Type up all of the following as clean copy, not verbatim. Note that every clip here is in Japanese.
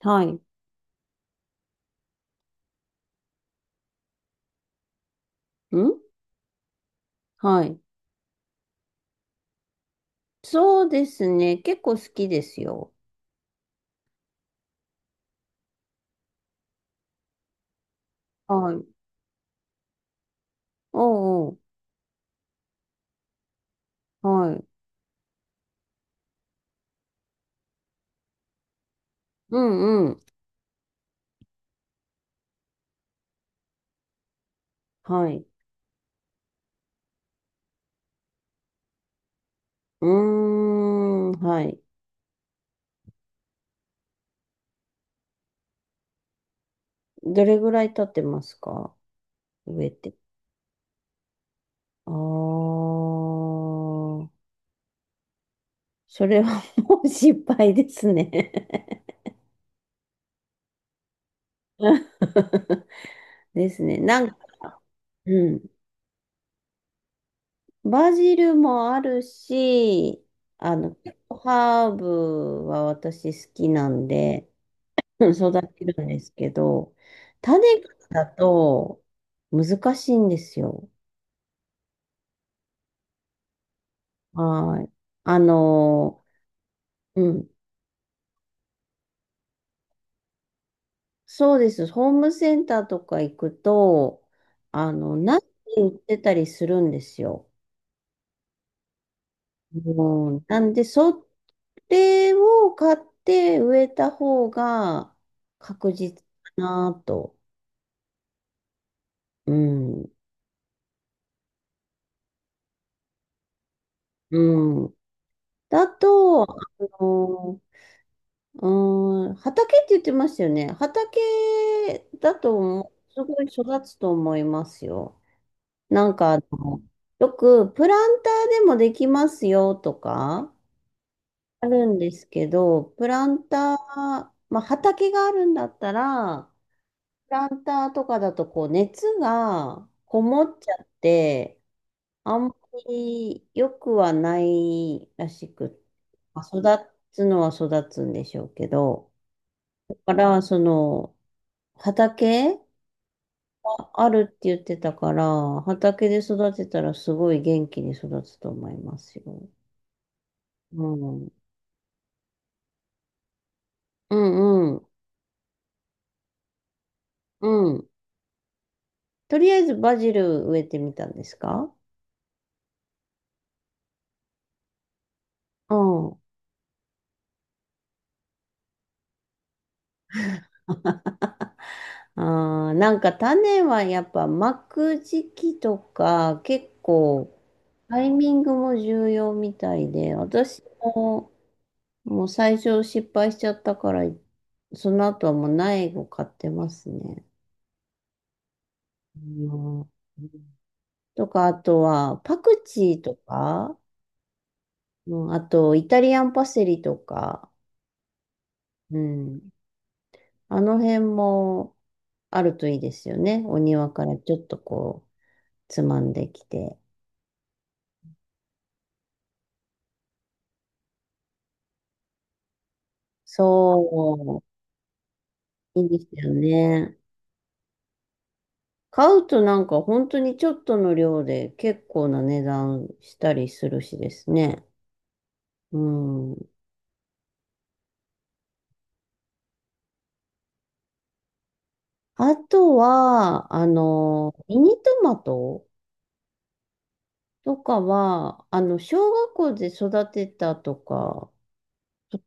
はい。んはい。そうですね。結構好きですよ。はい。おうおう。はい。うんうん。はい。うーん。はい。どれぐらい経ってますか、植えて。あー。それはもう失敗ですね。 ですね。うん。バジルもあるし、あの、ハーブは私好きなんで、うん育てるんですけど、種からだと難しいんですよ。はい。あの、うん。そうです。ホームセンターとか行くと、苗売ってたりするんですよ。うん。なんで、それを買って植えた方が確実かなと。うん。うん。だと、あの、うーん、畑って言ってましたよね。畑だと思う、すごい育つと思いますよ。なんか、あのよくプランターでもできますよとかあるんですけど、プランター、まあ、畑があるんだったら、プランターとかだとこう熱がこもっちゃって、あんまり良くはないらしく、まあ育つのは育つんでしょうけど、だから、畑があるって言ってたから、畑で育てたらすごい元気に育つと思いますよ。うん。うんうん。うん。とりあえずバジル植えてみたんですか？うん。ああ、なんか種はやっぱ巻く時期とか結構タイミングも重要みたいで、私ももう最初失敗しちゃったから、その後はもう苗を買ってますね。うんとか、あとは、パクチーとか、うん、あと、イタリアンパセリとか、うん。あの辺もあるといいですよね。お庭からちょっとこう、つまんできて。そう、いいですよね。買うとなんか本当にちょっとの量で結構な値段したりするしですね。うん。あとは、ミニトマトとかは、小学校で育てたとか、ちょっと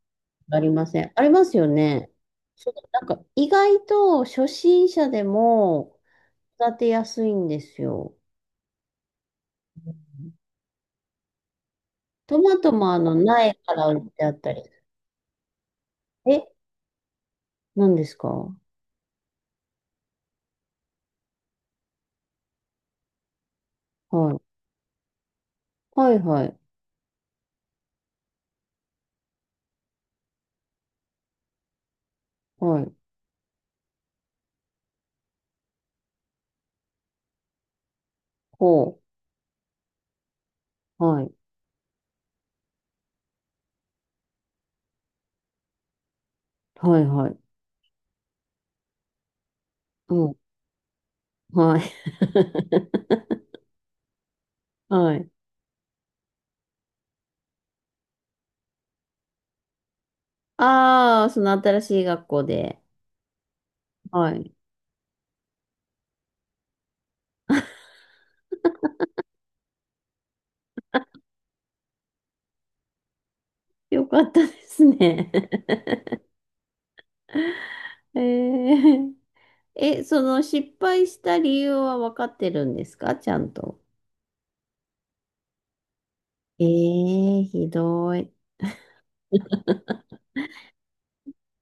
ありません、ありますよね。そう、なんか、意外と初心者でも育てやすいんですよ。トマトも、苗から売ってあったり。え、何ですか？はい。はいはい。はい。ほう。はい。はいはい。うん。はい。はい。ああ、その新しい学校で。はい。よかったですね。ええ。え、その失敗した理由は分かってるんですか、ちゃんと。ええ、ひどい。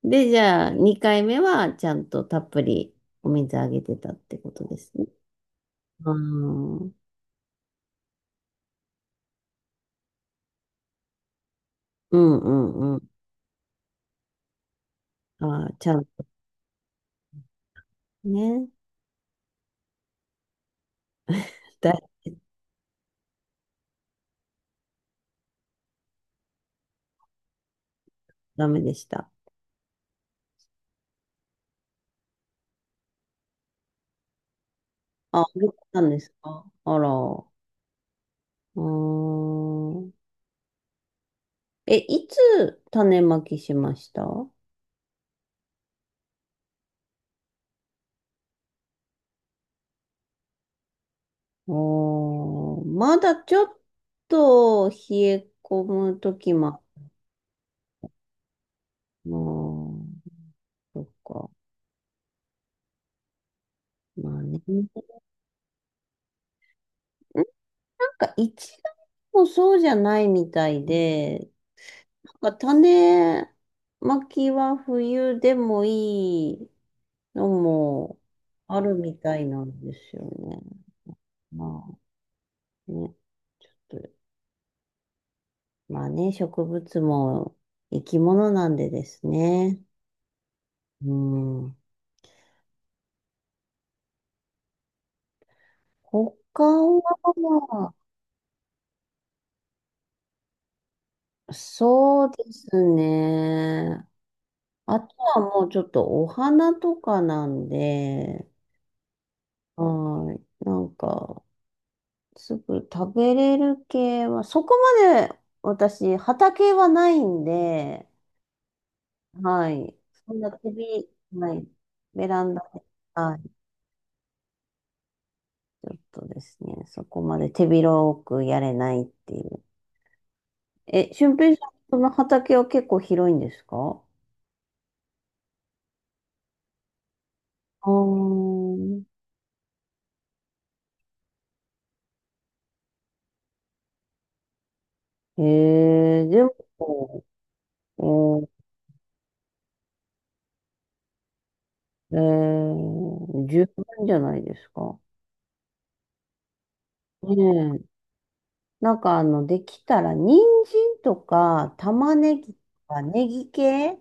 で、じゃあ、2回目はちゃんとたっぷりお水あげてたってことですね。うん、うんうんうん。あー、ちゃんとね。だ、ダメでした。あ、あげたんですか、あら。うーん。え、いつ種まきしました？おー、まだちょっと冷え込む時も。もう、そっか。まあね。なんか一概にもそうじゃないみたいで、なんか種まきは冬でもいいのもあるみたいなんですよね。まあね。ちょっと、まあね、植物も生き物なんでですね。うん。他は、そうですね。あとはもうちょっとお花とかなんで、はい。なんか、すぐ食べれる系は、そこまで私、畑はないんで、はい。そんな手び、はい。ベランダで、はい。ちょっとですね、そこまで手広くやれないっていう。え、俊平さん、その畑は結構広いんですか？あー。へえ、でも、うん、えー、十分じゃないですか。ねえ。なんかあの、できたら、人参とか、玉ねぎとか、ネギ系、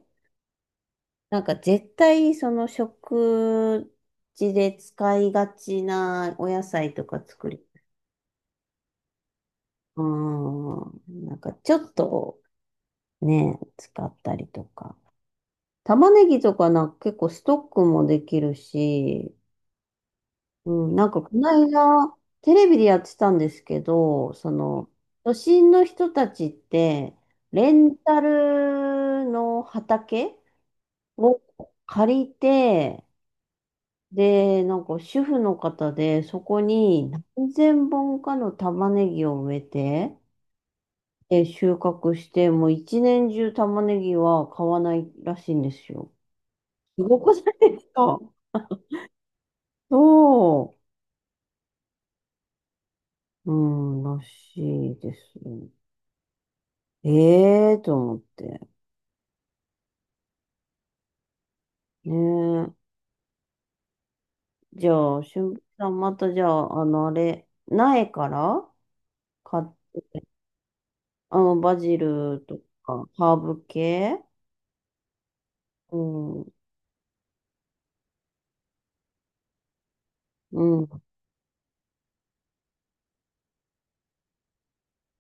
なんか絶対、その食事で使いがちなお野菜とか作り。うん。なんかちょっとね、使ったりとか。玉ねぎとかなんか結構ストックもできるし、うん、なんかこの間、テレビでやってたんですけど、その、都心の人たちって、レンタルの畑を借りて、で、なんか主婦の方で、そこに何千本かの玉ねぎを植えて、で、収穫して、もう一年中玉ねぎは買わないらしいんですよ。すごくないですか？そう。うん、らしいですね。ええと思って。ねえ。じゃあ、しゅんさん、またじゃあ、あの、あれ、苗から買って、バジルとか、ハーブ系。うん。うん。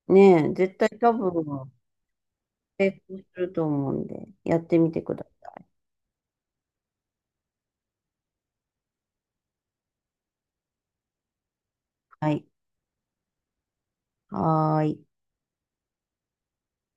ねえ、絶対多分、成功すると思うんで、やってみてください。はい。はーい。